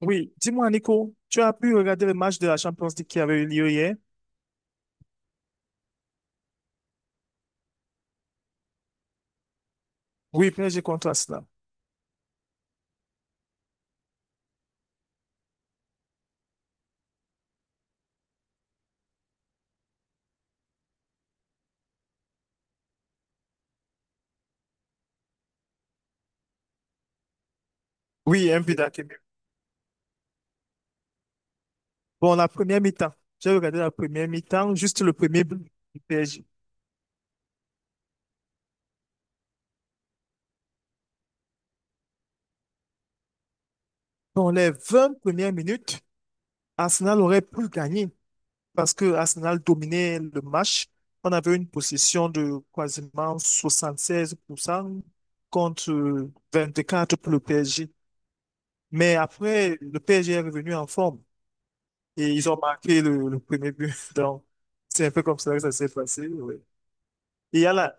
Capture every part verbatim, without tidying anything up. Oui, dis-moi, Nico, tu as pu regarder le match de la Champions League qui avait eu lieu hier? Oui, P S G contre Arsenal. Oui, un but d'Hakimi. Bon, la première mi-temps. J'ai regardé la première mi-temps, juste le premier but du P S G. Dans les vingt premières minutes, Arsenal aurait pu gagner, parce que Arsenal dominait le match. On avait une possession de quasiment soixante-seize pour cent contre euh, vingt-quatre pour cent pour le P S G. Mais après, le P S G est revenu en forme et ils ont marqué le, le premier but. Donc, c'est un peu comme ça que ça s'est passé. Oui, et il y a la-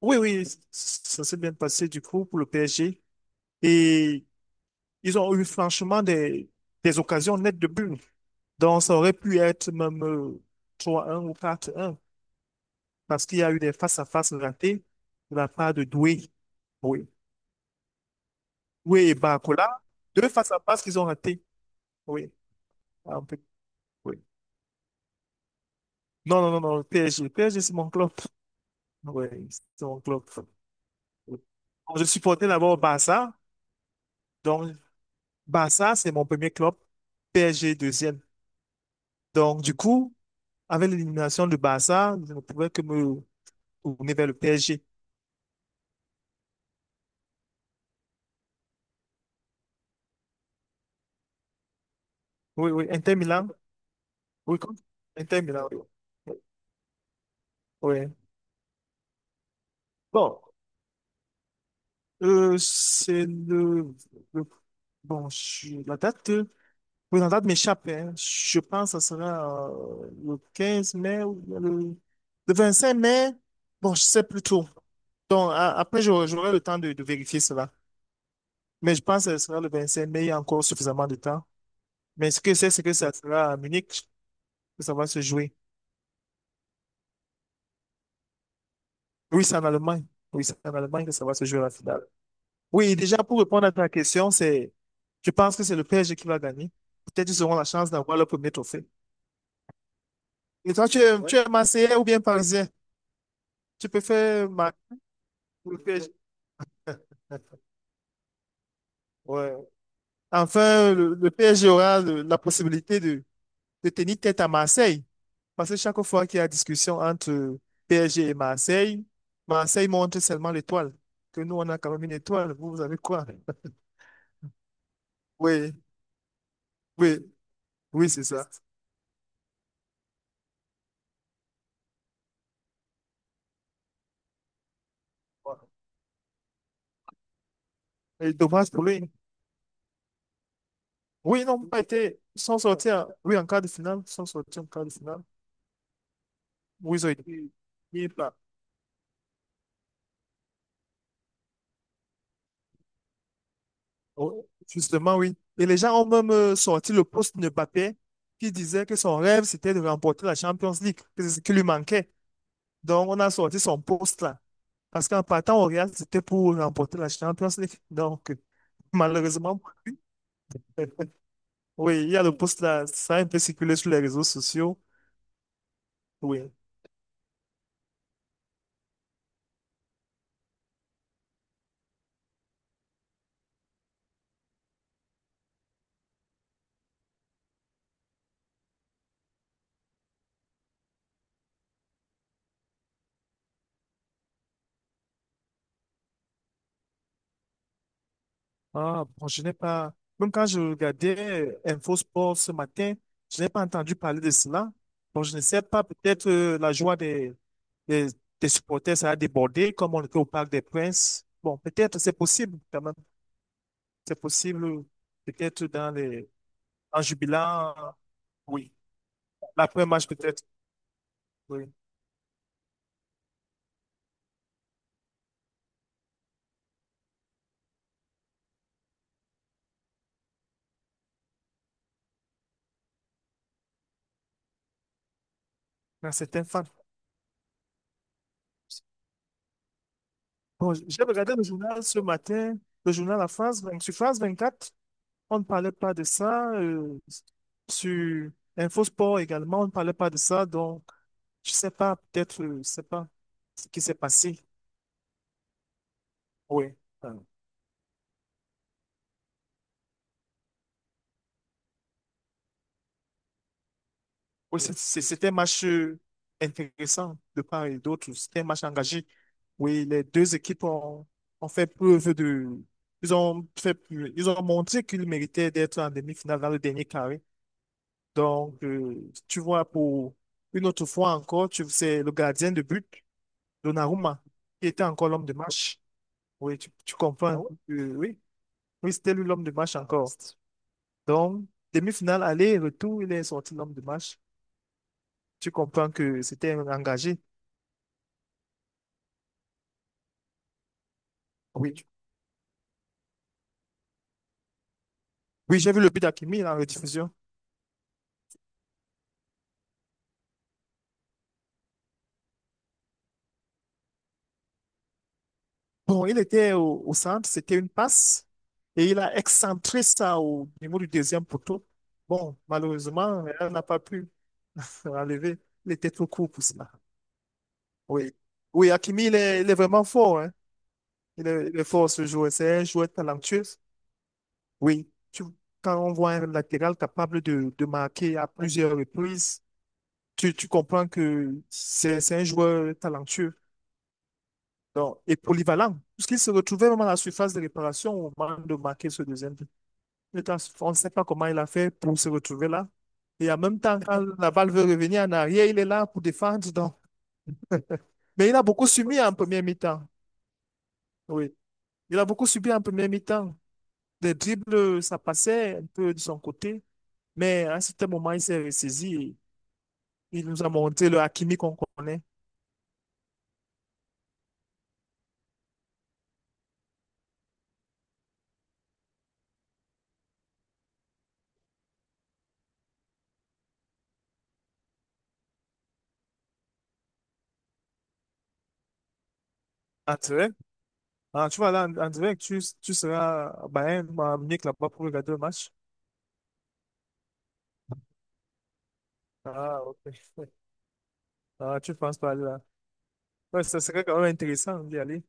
oui, oui, ça s'est bien passé du coup pour le P S G. Et ils ont eu franchement des, des occasions nettes de but. Donc, ça aurait pu être même euh, trois un ou quatre un, parce qu'il y a eu des face-à-face ratés de la part de Doué. Oui. Doué et Barcola, deux face-à-face qu'ils ont ratés. Oui. Un peu. Oui. Non, non, non, non, P S G. P S G, c'est mon club. Oui, c'est mon club. Oui. Donc, je supportais d'abord Barça. Donc, Barça, c'est mon premier club. P S G, deuxième. Donc, du coup, avec l'élimination de Barça, je ne pouvais que me tourner vers le P S G. Oui, oui, Inter Milan. Oui, contre- Inter Milan, oui. Oui. Oui. Bon, Euh, c'est le, le- Bon, je- la date, euh, oui, la date m'échappe, hein. Je pense que ça sera euh, le quinze mai ou bien le, le cinq mai. Bon, je sais plus trop. Donc, a- après, j'aurai j'aurai le temps de, de vérifier cela. Mais je pense que ce sera le vingt cinq mai. Il y a encore suffisamment de temps. Mais ce que c'est, c'est que ça sera à Munich que ça va se jouer. Oui, c'est en Allemagne. Oui, c'est en Allemagne que ça va se jouer la finale. Oui, déjà pour répondre à ta question, c'est, je pense que c'est le P S G qui va gagner. Peut-être ils auront la chance d'avoir le premier trophée. Et toi, tu es, ouais, tu es Marseillais ou bien Parisien? Tu préfères Mar- le P S G? Ouais. Enfin, le, le P S G aura le- la possibilité de, de tenir tête à Marseille. Parce que chaque fois qu'il y a discussion entre P S G et Marseille, Marseille montre seulement l'étoile. Que nous, on a quand même une étoile. Vous, vous avez quoi? Oui, oui, oui, c'est ça. Et dommage pour lui. Oui, ils n'ont pas été, ils sont sortis en, oui, en quart de finale, ils sont sortis en quart de finale. Oui, ils ont été mis par- oh, justement, oui. Et les gens ont même euh, sorti le poste de Mbappé qui disait que son rêve, c'était de remporter la Champions League, que c'est ce qui lui manquait. Donc, on a sorti son poste là. Parce qu'en partant au Real, c'était pour remporter la Champions League. Donc, euh, malheureusement, oui, il y a le poste là, ça a un peu circulé sur les réseaux sociaux. Oui, ah, bon, je n'ai pas. Même quand je regardais euh, Info Sport ce matin, je n'ai pas entendu parler de cela. Bon, je ne sais pas, peut-être euh, la joie des, des, des supporters, ça a débordé, comme on était au Parc des Princes. Bon, peut-être c'est possible quand même. C'est possible, euh, peut-être dans les, en jubilant, euh, oui. L'après-match, peut-être, oui. Dans certains fans. Bon, j'ai regardé le journal ce matin, le journal La France, vingt- sur France vingt-quatre. On ne parlait pas de ça. Euh, sur InfoSport également, on ne parlait pas de ça. Donc, je sais pas, peut-être, euh, je sais pas ce qui s'est passé. Oui. euh, oui, c'est- c'est- c'était un match euh, intéressant de part et d'autre. C'était un match engagé. Oui, les deux équipes ont, ont fait preuve de. Ils ont fait, ils ont montré qu'ils méritaient d'être en demi-finale dans le dernier carré. Donc, euh, tu vois, pour une autre fois encore, tu c'est le gardien de but. Donnarumma, qui était encore l'homme de match. Oui, tu, tu comprends. Ah ouais? Euh, oui, oui, c'était lui l'homme de match encore. Donc, demi-finale, aller, retour, il est sorti l'homme de match. Tu comprends que c'était un engagé. Oui, tu- oui, j'ai vu le but d'Akimi en rediffusion. Bon, il était au, au centre, c'était une passe. Et il a excentré ça au niveau du deuxième poteau. Bon, malheureusement, elle n'a pas pu enlever. Il était trop court pour cela. Oui. Oui, Hakimi, il est, il est vraiment fort, hein. Il est, il est fort ce joueur. C'est un joueur talentueux. Oui, tu- quand on voit un latéral capable de, de marquer à plusieurs reprises, tu, tu comprends que c'est c'est un joueur talentueux donc, et polyvalent, puisqu'il se retrouvait vraiment à la surface de réparation au moment de marquer ce deuxième but. Le temps, on ne sait pas comment il a fait pour se retrouver là. Et en même temps, quand la balle veut revenir en arrière, il est là pour défendre. Donc. Mais il a beaucoup subi en première mi-temps. Oui, il a beaucoup subi en première mi-temps. Des dribbles, ça passait un peu de son côté. Mais à un certain moment, il s'est ressaisi. Il nous a montré le Hakimi qu'on connaît. En direct. Ah, tu vas aller en, en direct, tu, tu seras à Bayern, à Munich là-bas pour regarder le match. Ah, OK. Ah, tu penses pas là. Ouais, ça serait quand même intéressant d'y aller.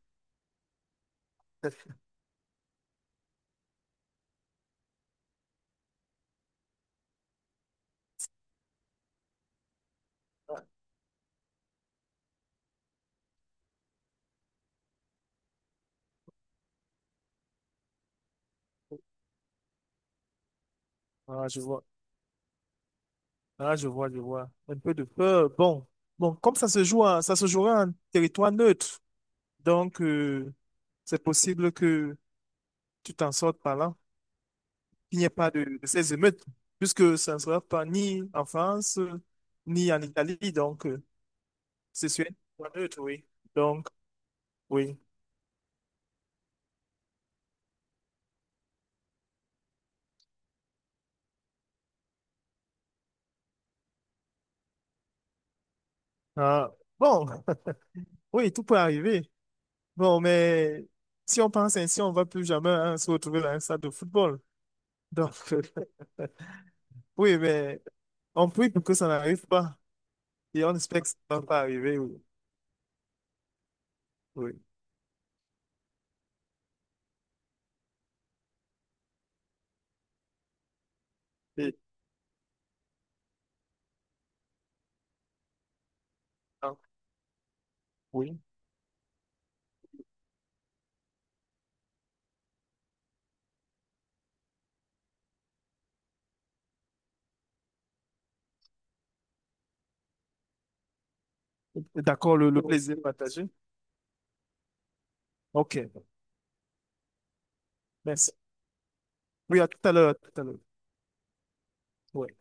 Ah, je vois. Ah, je vois, je vois. Un peu de peur. Bon, bon, comme ça se joue, en- ça se jouera en territoire neutre. Donc, euh, c'est possible que tu t'en sortes par là, qu'il n'y ait pas de, de ces émeutes, puisque ça ne sera pas ni en France, euh, ni en Italie. Donc, euh, c'est sur un point neutre, oui. Donc, oui. Ah, bon, oui, tout peut arriver. Bon, mais si on pense ainsi, on ne va plus jamais hein, se retrouver dans un stade de football. Donc, oui, mais on prie pour que ça n'arrive pas. Et on espère que ça ne va pas arriver, oui. Oui. Et, ah, oui. D'accord, le, le plaisir partagé. OK. Merci. Oui, à tout à l'heure, à tout à l'heure. Ouais.